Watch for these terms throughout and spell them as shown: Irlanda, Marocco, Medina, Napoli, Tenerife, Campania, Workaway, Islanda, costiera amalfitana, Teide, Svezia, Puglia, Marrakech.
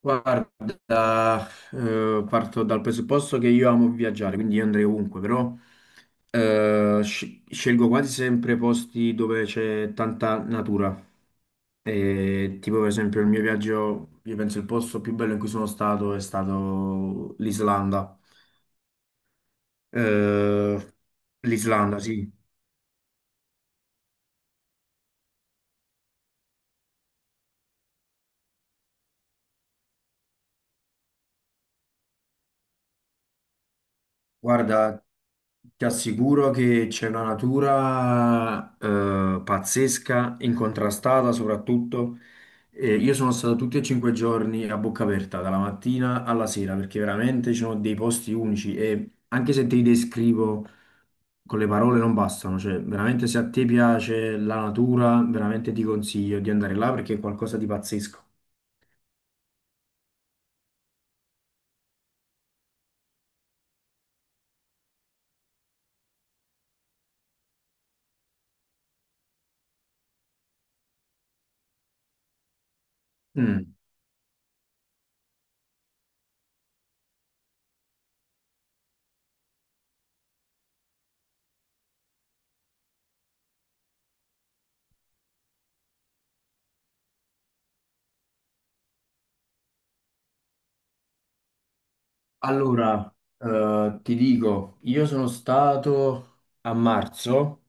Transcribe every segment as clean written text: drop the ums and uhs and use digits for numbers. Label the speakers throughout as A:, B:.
A: Guarda, parto dal presupposto che io amo viaggiare, quindi io andrei ovunque, però scelgo quasi sempre posti dove c'è tanta natura. E tipo per esempio il mio viaggio, io penso il posto più bello in cui sono stato è stato l'Islanda. Eh, L'Islanda, sì. Guarda, ti assicuro che c'è una natura pazzesca, incontrastata soprattutto. Io sono stato tutti e 5 giorni a bocca aperta, dalla mattina alla sera, perché veramente ci sono dei posti unici e anche se te li descrivo con le parole non bastano, cioè veramente se a te piace la natura, veramente ti consiglio di andare là perché è qualcosa di pazzesco. Mm. Allora, ti dico, io sono stato a marzo,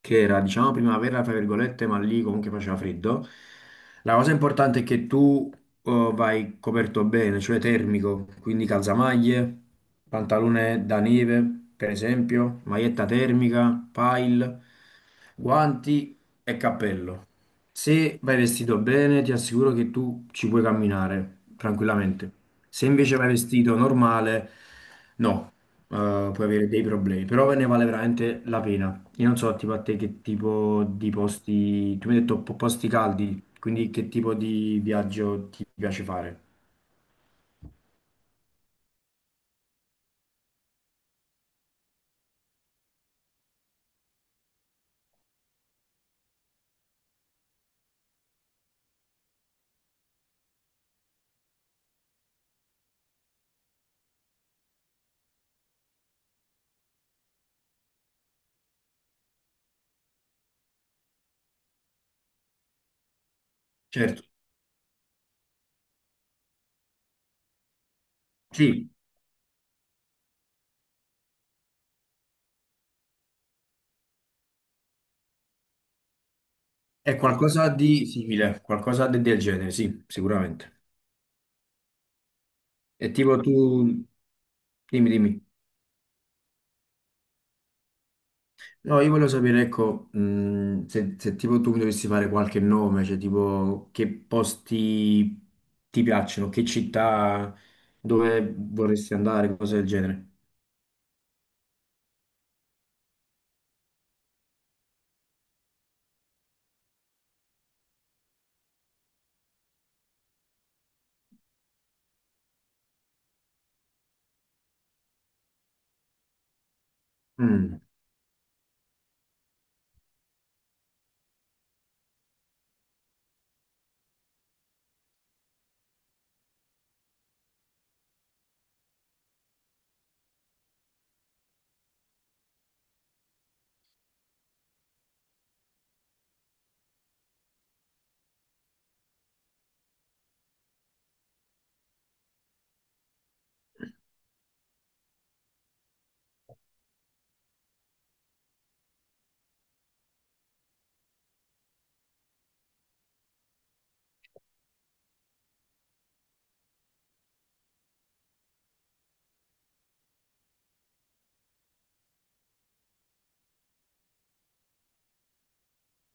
A: che era, diciamo, primavera, tra virgolette, ma lì comunque faceva freddo. La cosa importante è che tu vai coperto bene, cioè termico, quindi calzamaglie, pantalone da neve, per esempio, maglietta termica, pile, guanti e cappello. Se vai vestito bene, ti assicuro che tu ci puoi camminare tranquillamente. Se invece vai vestito normale, no puoi avere dei problemi, però ne vale veramente la pena. Io non so, tipo a te che tipo di posti, tu mi hai detto posti caldi, quindi che tipo di viaggio ti piace fare? Certo, sì, è qualcosa di simile, qualcosa del genere, sì, sicuramente. E tipo tu, dimmi. No, io volevo sapere, ecco, se, se tipo tu mi dovessi fare qualche nome, cioè tipo che posti ti piacciono, che città, dove vorresti andare, cose del genere. Mm.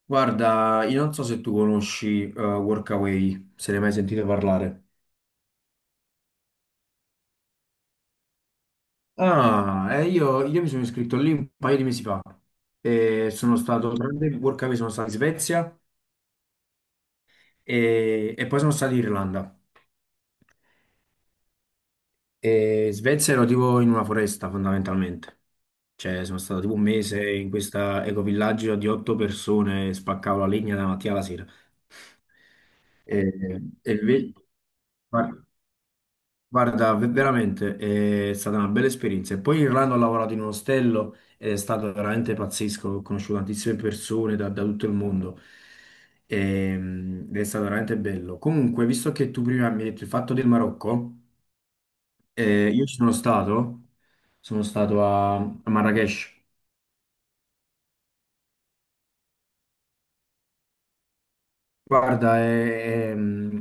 A: Guarda, io non so se tu conosci Workaway, se ne hai mai sentito parlare. Io mi sono iscritto lì un paio di mesi fa. E sono stato, durante il Workaway sono stato in Svezia e poi sono stato in Irlanda. E in Svezia ero tipo in una foresta fondamentalmente. Cioè, sono stato tipo un mese in questo ecovillaggio di otto persone, spaccavo la legna dalla mattina alla sera. E, e ve- guarda, guarda, veramente è stata una bella esperienza. E poi in Irlanda ho lavorato in un ostello ed è stato veramente pazzesco. Ho conosciuto tantissime persone da tutto il mondo. Ed è stato veramente bello. Comunque, visto che tu prima mi hai detto il fatto del Marocco, io ci sono stato a Marrakech. Guarda,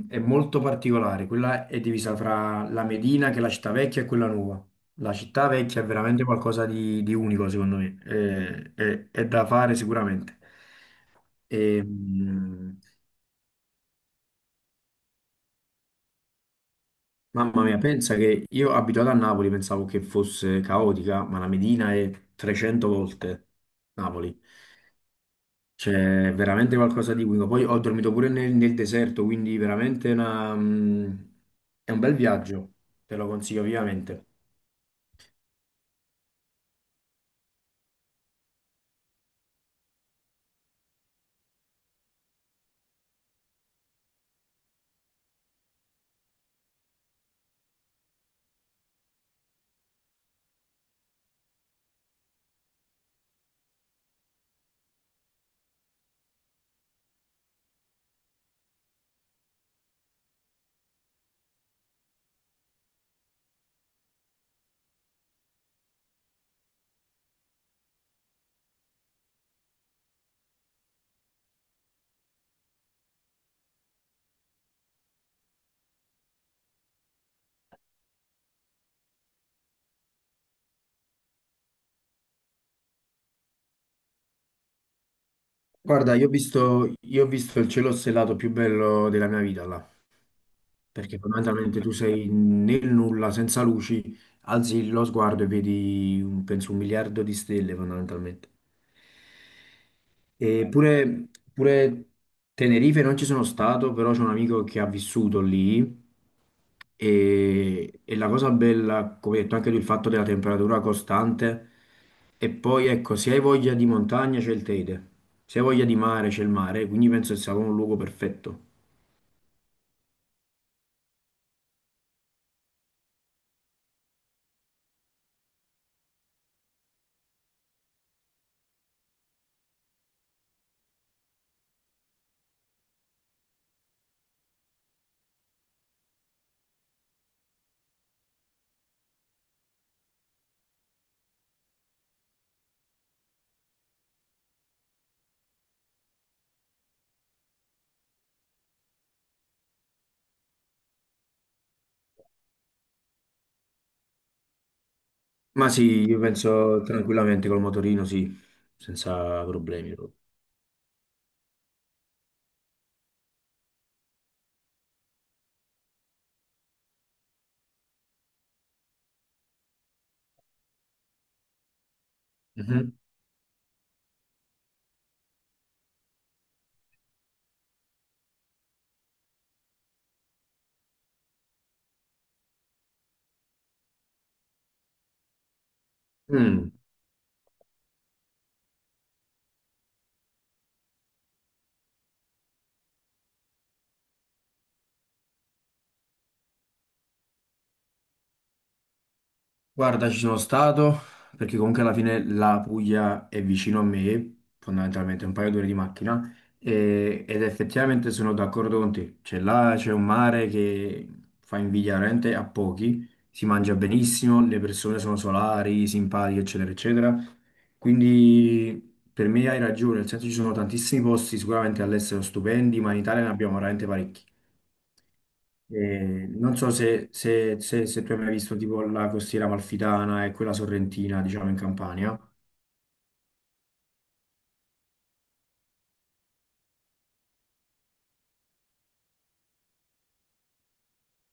A: è molto particolare. Quella è divisa fra la Medina, che è la città vecchia, e quella nuova. La città vecchia è veramente qualcosa di unico, secondo me. È da fare sicuramente. E, mm, mamma mia, pensa che io abituato a Napoli pensavo che fosse caotica, ma la Medina è 300 volte Napoli. C'è veramente qualcosa di unico. Poi ho dormito pure nel deserto, quindi veramente è un bel viaggio, te lo consiglio vivamente. Guarda, io ho visto il cielo stellato più bello della mia vita là, perché fondamentalmente tu sei nel nulla, senza luci, alzi lo sguardo e vedi, penso, 1 miliardo di stelle fondamentalmente. E pure Tenerife non ci sono stato, però c'è un amico che ha vissuto lì e la cosa bella, come hai detto anche tu, il fatto della temperatura costante. E poi ecco, se hai voglia di montagna c'è il Teide, se hai voglia di mare c'è il mare, quindi penso che sia proprio un luogo perfetto. Ma sì, io penso tranquillamente col motorino, sì, senza problemi proprio. Mhm. Mm. Guarda, ci sono stato perché comunque alla fine la Puglia è vicino a me, fondamentalmente un paio d'ore di macchina, ed effettivamente sono d'accordo con te. Cioè là c'è un mare che fa invidia veramente a pochi, si mangia benissimo, le persone sono solari, simpatiche, eccetera, eccetera. Quindi per me hai ragione, nel senso ci sono tantissimi posti sicuramente all'estero stupendi, ma in Italia ne abbiamo veramente parecchi. Non so se, se tu hai mai visto tipo la costiera amalfitana e quella sorrentina, diciamo, in Campania.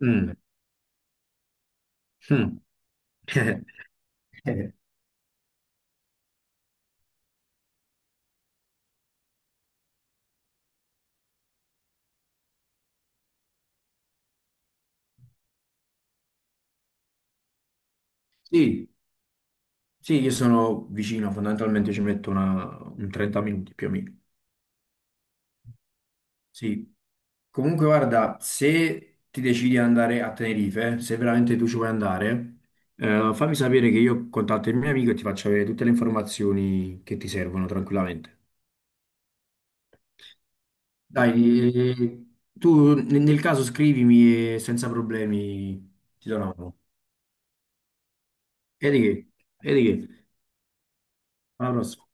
A: Mm, mm. Eh, sì, sì, io sono vicino, fondamentalmente ci metto un 30 minuti più o meno. Sì. Comunque, guarda, se ti decidi di andare a Tenerife, se veramente tu ci vuoi andare, fammi sapere che io contatto il mio amico e ti faccio avere tutte le informazioni che ti servono tranquillamente. Dai, eh, tu nel caso scrivimi e senza problemi ti do una mano. E di che? E di che? Alla prossima.